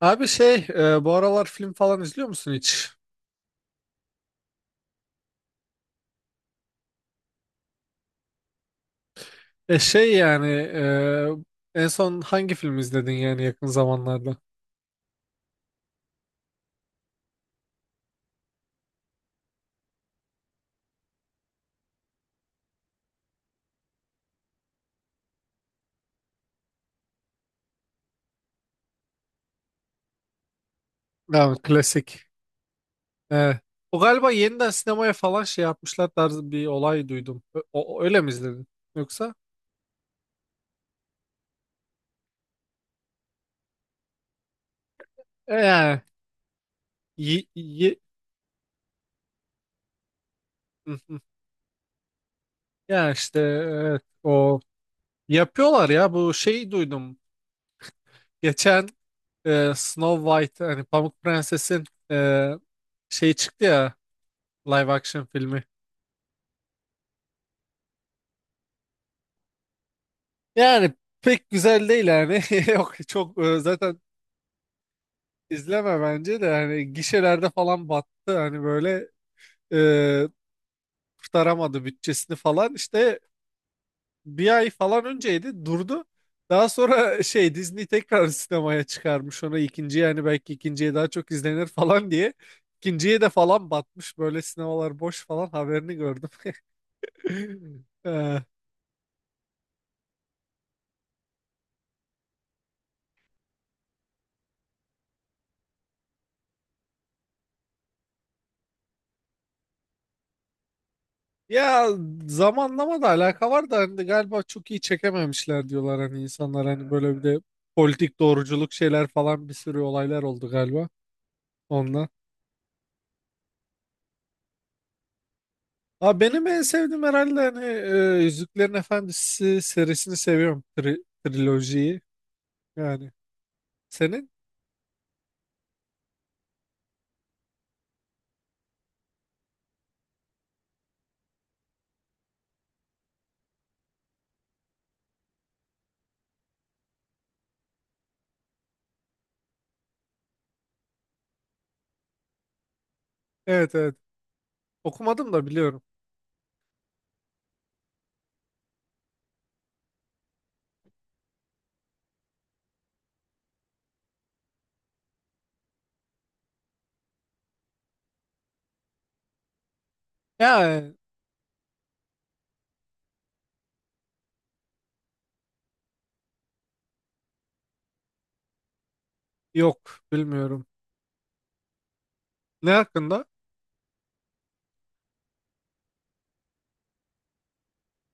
Abi bu aralar film falan izliyor musun hiç? Yani en son hangi film izledin yani yakın zamanlarda? Yani klasik. Evet. O galiba yeniden sinemaya falan şey yapmışlar tarzı bir olay duydum. O, öyle mi izledin? Yoksa? Yani y- y- Hı hı. Ya işte evet, o yapıyorlar ya bu şeyi duydum. Geçen Snow White hani Pamuk Prenses'in e, şey çıktı ya, live action filmi. Yani pek güzel değil yani. Yok çok zaten izleme bence de, yani gişelerde falan battı hani böyle, e, kurtaramadı bütçesini falan işte, bir ay falan önceydi durdu. Daha sonra Disney tekrar sinemaya çıkarmış onu ikinci, yani belki ikinciye daha çok izlenir falan diye. İkinciye de falan batmış, böyle sinemalar boş falan haberini gördüm. E, Ya zamanlama da alaka var da, hani galiba çok iyi çekememişler diyorlar hani insanlar, hani böyle bir de politik doğruculuk şeyler falan, bir sürü olaylar oldu galiba onunla. Aa, benim en sevdiğim herhalde hani Yüzüklerin Efendisi serisini seviyorum. Trilojiyi yani. Senin? Evet, evet. Okumadım da biliyorum. Ya yok, bilmiyorum. Ne hakkında?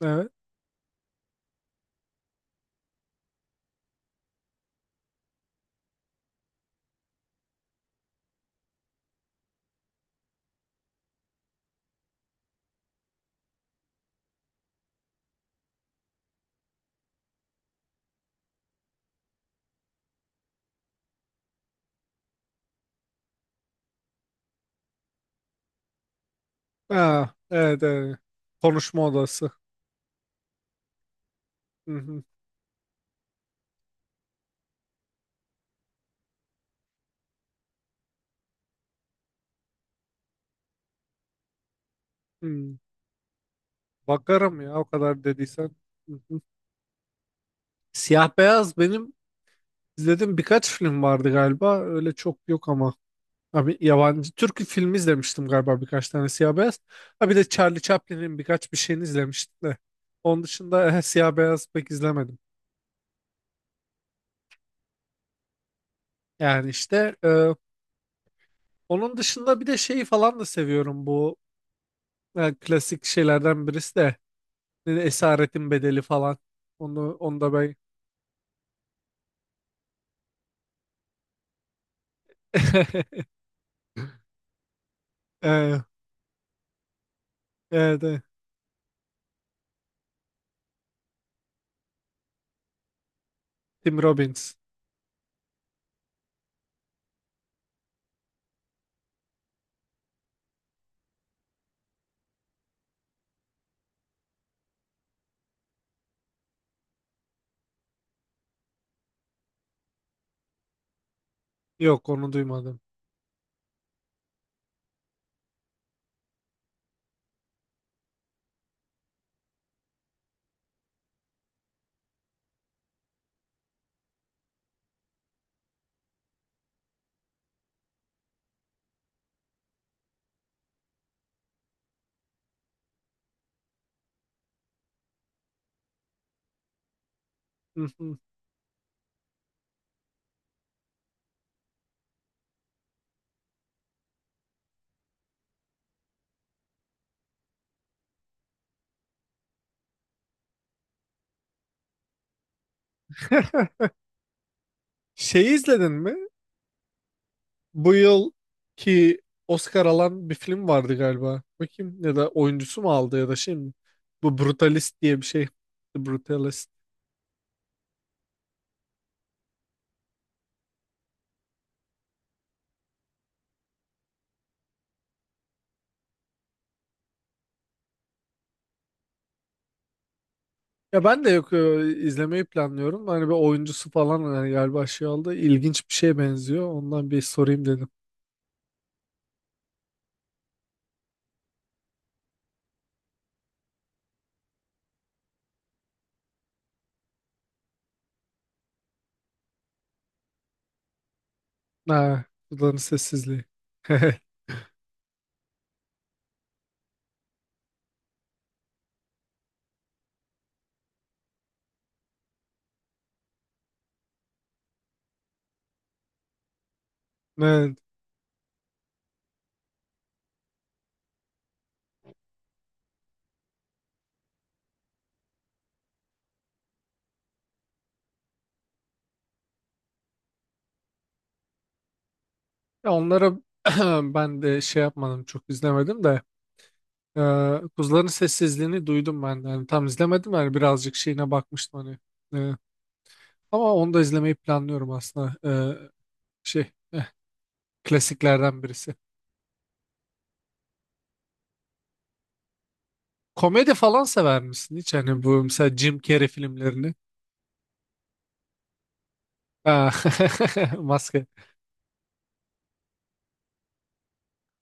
Evet. Ha, evet, evet. Konuşma odası. Hı hı. Hı. Bakarım ya, o kadar dediysen. Hı hı. Siyah beyaz benim izlediğim birkaç film vardı galiba. Öyle çok yok ama. Abi yabancı Türk filmi izlemiştim galiba, birkaç tane siyah beyaz. Ha bir de Charlie Chaplin'in birkaç bir şeyini izlemiştim de. Onun dışında siyah beyaz pek izlemedim. Yani işte onun dışında bir de şeyi falan da seviyorum, bu klasik şeylerden birisi de Esaretin Bedeli falan. Onu da ben e, evet, evet. Tim Robbins. Yok onu duymadım. Hı hı. Şeyi izledin mi, bu yıl ki Oscar alan bir film vardı galiba? Bakayım, ya da oyuncusu mu aldı ya da şey mi? Bu Brutalist diye bir şey. The Brutalist. Ya ben de yok, izlemeyi planlıyorum. Hani bir oyuncusu falan hani galiba şey oldu. İlginç bir şeye benziyor. Ondan bir sorayım dedim. Ha, kulağın sessizliği. Evet. Ya onlara ben de şey yapmadım, çok izlemedim de e, Kuzuların Sessizliğini duydum ben de. Yani tam izlemedim yani, birazcık şeyine bakmıştım hani. Ee, Ama onu da izlemeyi planlıyorum aslında. Şey, eh, Klasiklerden birisi. Komedi falan sever misin hiç? Hani bu mesela Jim Carrey filmlerini. Ha, maske.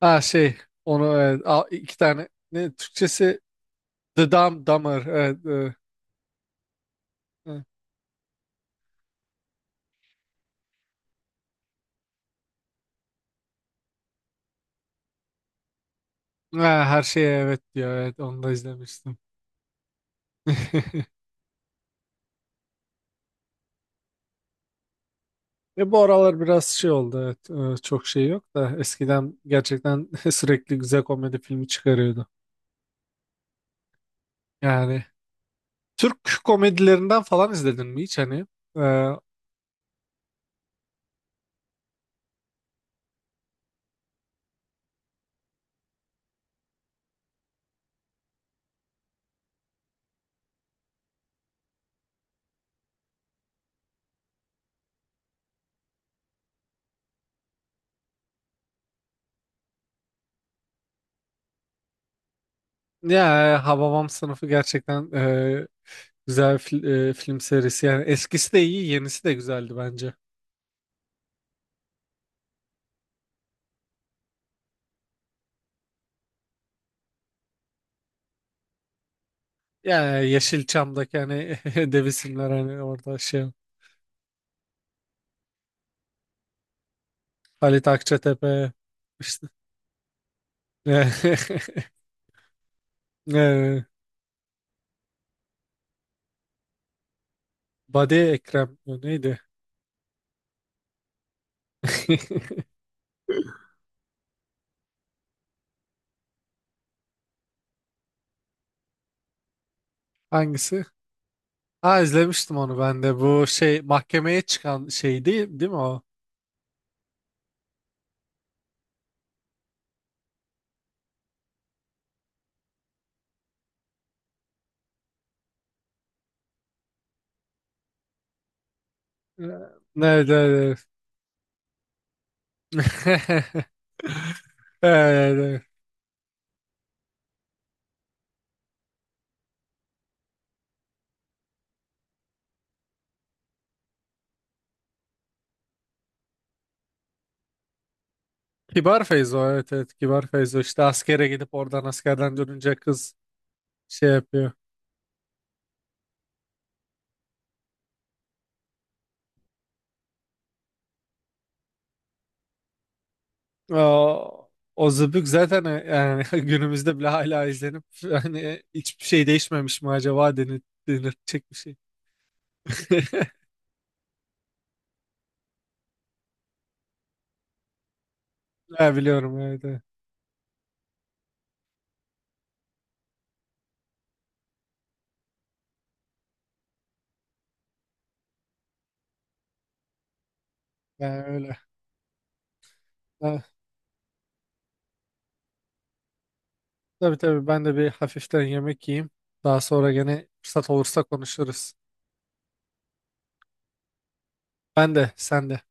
Ha, onu evet, iki tane. Ne Türkçesi? The Dumb Dumber. Evet, evet. Evet. Ha, her şeye evet diyor. Evet, onu da izlemiştim. Bu aralar biraz şey oldu. Evet, çok şey yok da eskiden gerçekten sürekli güzel komedi filmi çıkarıyordu. Yani Türk komedilerinden falan izledin mi hiç hani? Ee, ya Hababam Sınıfı gerçekten güzel film serisi. Yani eskisi de iyi, yenisi de güzeldi bence. Yani Yeşilçam'daki hani dev isimler, hani orada şey, Halit Akçatepe işte e, Badi Ekrem neydi? Hangisi? Ha, izlemiştim onu ben de. Bu şey mahkemeye çıkan şey değil, değil mi o? Ee, Evet, evet, evet. Evet, evet. Kibar Feyzo, evet evet, Kibar Feyzo işte askere gidip, oradan askerden dönünce kız şey yapıyor. O, o Zıbık zaten, yani günümüzde bile hala izlenip, hani hiçbir şey değişmemiş mi acaba denir, denilecek bir şey. Ha, biliyorum, evet, evet. Yani öyle. Ha, tabii tabii, ben de bir hafiften yemek yiyeyim. Daha sonra gene fırsat olursa konuşuruz. Ben de sen de.